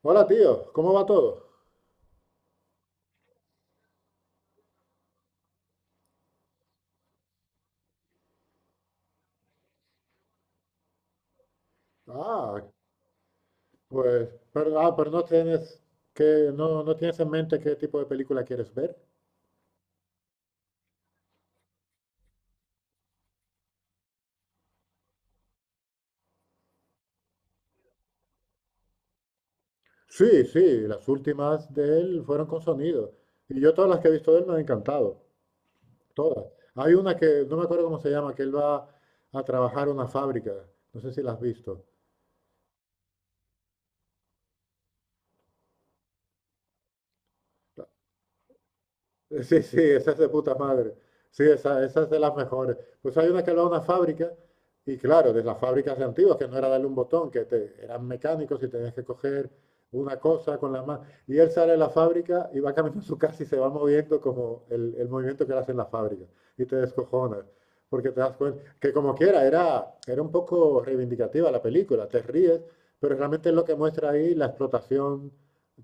Hola tío, ¿cómo va todo? Ah, pero no tienes que, no, no tienes en mente qué tipo de película quieres ver. Sí, sí, las últimas de él fueron con sonido. Y yo todas las que he visto de él me han encantado. Todas. Hay una que, no me acuerdo cómo se llama, que él va a trabajar a una fábrica. No sé si la has visto. Sí, sí, esa es de puta madre. Sí, esa es de las mejores. Pues hay una que va a una fábrica, y claro, de las fábricas de antiguas, que no era darle un botón, eran mecánicos y tenías que coger una cosa con la mano. Y él sale de la fábrica y va caminando a su casa y se va moviendo como el movimiento que él hace en la fábrica. Y te descojonas, porque te das cuenta que como quiera, era un poco reivindicativa la película, te ríes, pero realmente es lo que muestra ahí la explotación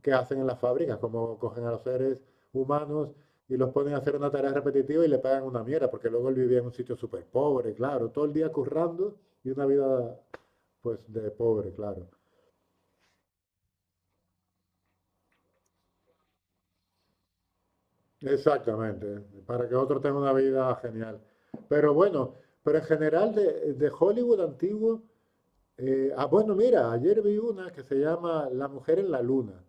que hacen en las fábricas, cómo cogen a los seres humanos y los ponen a hacer una tarea repetitiva y le pagan una mierda, porque luego él vivía en un sitio súper pobre, claro, todo el día currando y una vida pues de pobre, claro. Exactamente, para que otro tenga una vida genial. Pero bueno, pero en general de Hollywood antiguo, bueno, mira, ayer vi una que se llama La mujer en la luna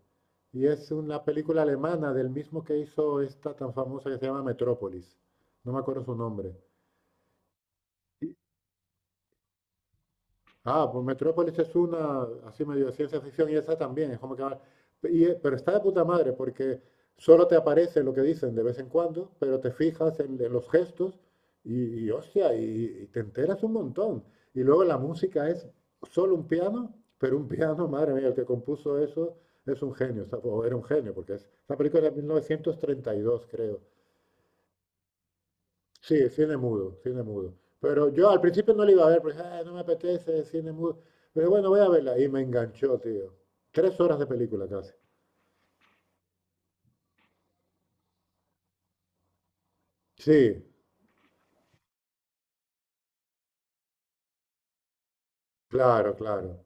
y es una película alemana del mismo que hizo esta tan famosa que se llama Metrópolis. No me acuerdo su nombre. Ah, pues Metrópolis es una, así medio de ciencia ficción, y esa también, es como que... pero está de puta madre, porque solo te aparece lo que dicen de vez en cuando, pero te fijas en los gestos y, y te enteras un montón. Y luego la música es solo un piano, pero un piano, madre mía, el que compuso eso es un genio, o sea, o era un genio, porque es, esa película es de 1932, creo. Sí, cine mudo, cine mudo. Pero yo al principio no la iba a ver, porque "Ah, no me apetece cine mudo. Pero bueno, voy a verla. Y me enganchó, tío. 3 horas de película casi. Sí, claro, claro.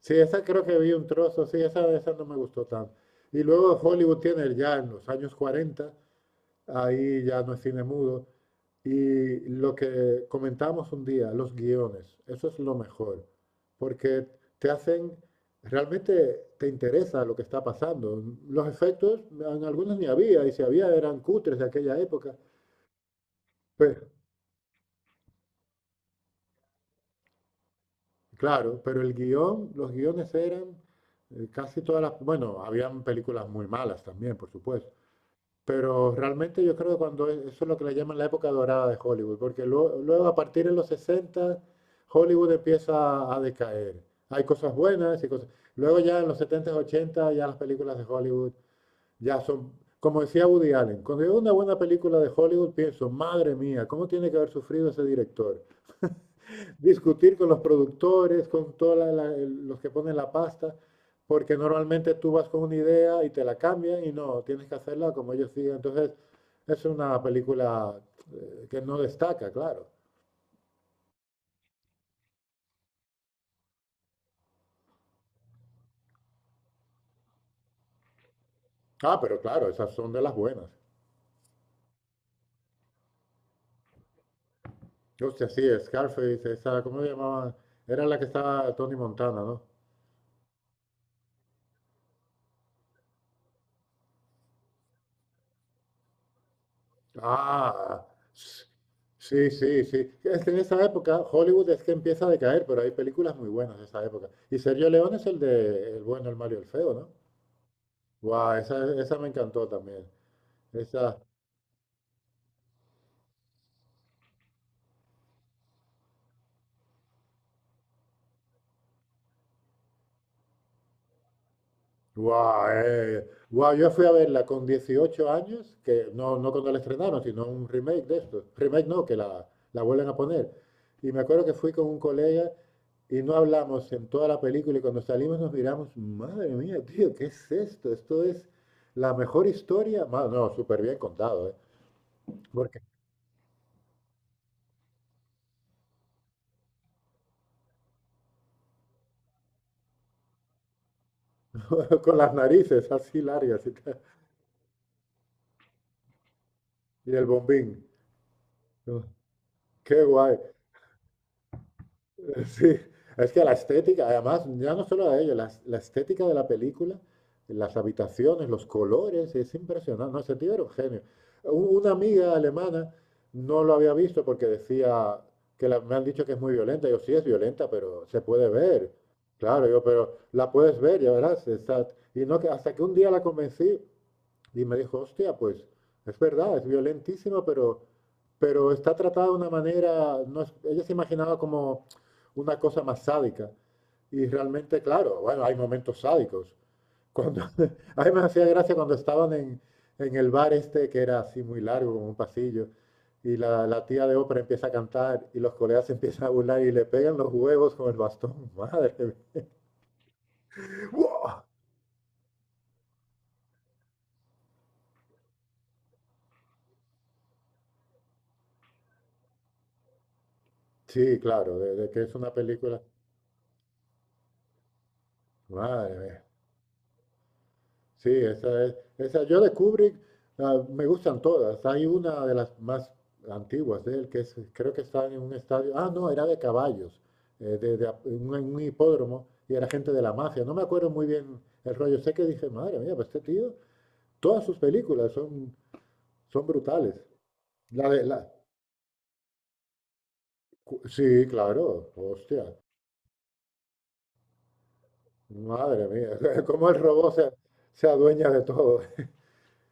Sí, esa creo que vi un trozo, sí, esa no me gustó tanto. Y luego Hollywood tiene ya en los años 40, ahí ya no es cine mudo. Y lo que comentamos un día, los guiones, eso es lo mejor, porque te hacen, realmente te interesa lo que está pasando. Los efectos, en algunos ni había, y si había eran cutres de aquella época. Pero, claro, pero el guión, los guiones eran casi todas las, bueno, habían películas muy malas también, por supuesto. Pero realmente yo creo que eso es lo que le llaman la época dorada de Hollywood, porque luego a partir de los 60 Hollywood empieza a decaer. Hay cosas buenas y cosas. Luego ya en los 70, 80 ya las películas de Hollywood ya son, como decía Woody Allen, cuando veo una buena película de Hollywood pienso, madre mía, ¿cómo tiene que haber sufrido ese director? Discutir con los productores, con todos los que ponen la pasta, porque normalmente tú vas con una idea y te la cambian y no, tienes que hacerla como ellos digan. Entonces, es una película que no destaca, claro. Ah, pero claro, esas son de las buenas. Hostia, sí, Scarface, esa, ¿cómo se llamaba? Era la que estaba Tony Montana, ¿no? Ah, s- sí, sí, sí. Es que en esa época Hollywood es que empieza a decaer, pero hay películas muy buenas de esa época. Y Sergio León es el de El bueno, el malo y el feo, ¿no? Guau, esa me encantó también. Esa, Guau, yo fui a verla con 18 años, que no, no cuando la estrenaron, sino un remake de esto. Remake no, que la vuelven a poner. Y me acuerdo que fui con un colega. Y no hablamos en toda la película y cuando salimos nos miramos, madre mía, tío, ¿qué es esto? Esto es la mejor historia. No, súper bien contado, ¿eh? Porque con las narices así largas y, tal, y el bombín. Qué guay. Sí, es que la estética, además, ya no solo a ello, la estética de la película, las habitaciones, los colores, es impresionante. No, ese tío era un genio. Una amiga alemana no lo había visto porque decía que me han dicho que es muy violenta. Yo, sí, es violenta, pero se puede ver. Claro, yo, pero la puedes ver, ya verás. Y no, que hasta que un día la convencí, y me dijo, hostia, pues es verdad, es violentísima, pero está tratada de una manera, no es- ella se imaginaba como una cosa más sádica. Y realmente, claro, bueno, hay momentos sádicos. Cuando, a mí me hacía gracia cuando estaban en el bar este, que era así muy largo, como un pasillo, y la tía de ópera empieza a cantar y los colegas se empiezan a burlar y le pegan los huevos con el bastón. Madre mía. Sí, claro, de que es una película. Madre mía. Sí, esa es. Esa, yo de Kubrick, me gustan todas. Hay una de las más antiguas de él, que es, creo que está en un estadio. Ah, no, era de caballos, un hipódromo, y era gente de la mafia. No me acuerdo muy bien el rollo. Sé que dije, madre mía, pues este tío, todas sus películas son, son brutales. La de la. Sí, claro, hostia, madre mía, cómo el robot se, se adueña de todo.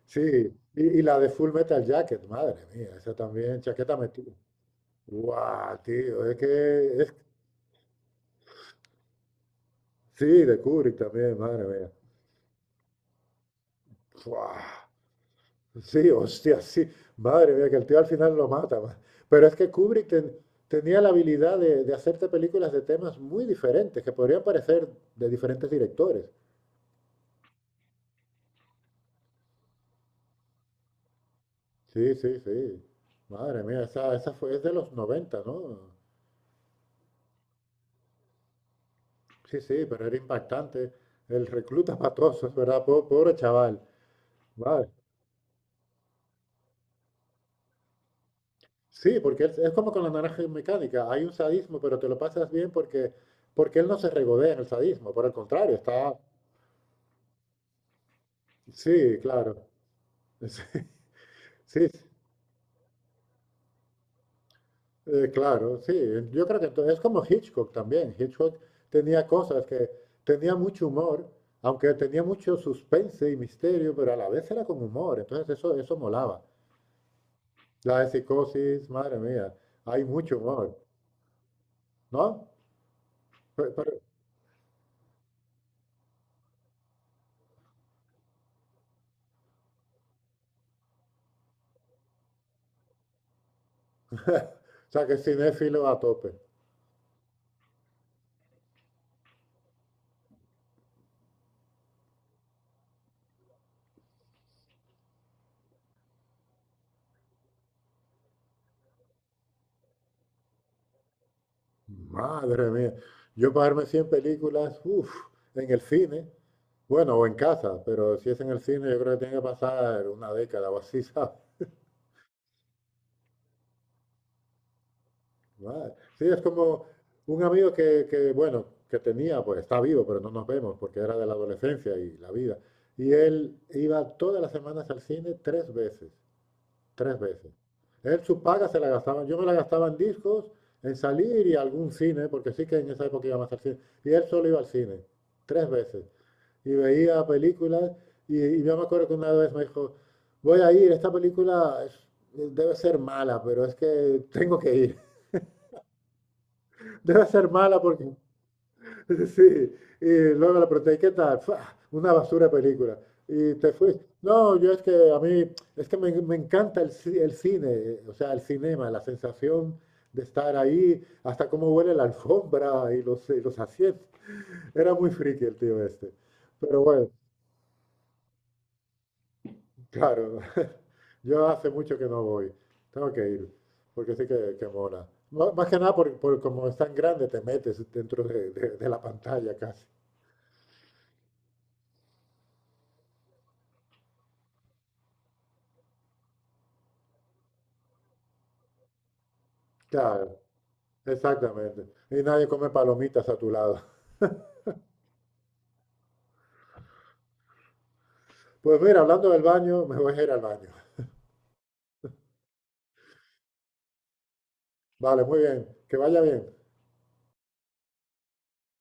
Sí, y la de Full Metal Jacket, madre mía, esa también, chaqueta metida. Guau, tío, es que es- Sí, de Kubrick también, madre mía. Guau, sí, hostia, sí, madre mía, que el tío al final lo mata. Pero es que Kubrick tenía la habilidad de hacerte películas de temas muy diferentes, que podrían parecer de diferentes directores. Sí, sí, sí. Madre mía, esa fue, es de los 90, ¿no? Sí, sí, pero era impactante. El recluta matoso, es verdad, pobre chaval. Vale. Sí, porque es como con la naranja mecánica. Hay un sadismo, pero te lo pasas bien porque, porque él no se regodea en el sadismo. Por el contrario, está... Sí, claro. Sí, sí, claro, sí. Yo creo que entonces es como Hitchcock también. Hitchcock tenía cosas que... Tenía mucho humor, aunque tenía mucho suspense y misterio, pero a la vez era con humor. Entonces eso molaba. La de psicosis, madre mía, hay mucho humor, ¿no? Pe- pero- o sea, que es cinéfilo a tope. Madre mía. Yo pagarme 100 películas, uff, en el cine, bueno, o en casa, pero si es en el cine, yo creo que tiene que pasar una década o así, ¿sabes? Madre. Sí, es como un amigo que, bueno, que tenía, pues está vivo, pero no nos vemos porque era de la adolescencia y la vida. Y él iba todas las semanas al cine 3 veces, 3 veces. Él su paga se la gastaba, yo me la gastaba en discos, en salir y algún cine, porque sí que en esa época iba más al cine. Y él solo iba al cine, 3 veces. Y veía películas y yo me acuerdo que una vez me dijo, voy a ir, esta película debe ser mala, pero es que tengo que ir. Debe ser mala porque... Sí, y luego le pregunté, "¿Y ¿qué tal? "Fua, una basura de película. Y te fuiste. No, yo es que a mí, es que me encanta el cine, o sea, el cinema, la sensación de estar ahí, hasta cómo huele la alfombra y los asientos. Era muy friki el tío este. Pero bueno. Claro, yo hace mucho que no voy. Tengo que ir, porque sí que mola. Más que nada, por como es tan grande, te metes dentro de, de la pantalla casi. Claro, exactamente. Y nadie come palomitas a tu lado. Pues mira, hablando del baño, me voy a ir al baño. Vale, muy bien. Que vaya bien.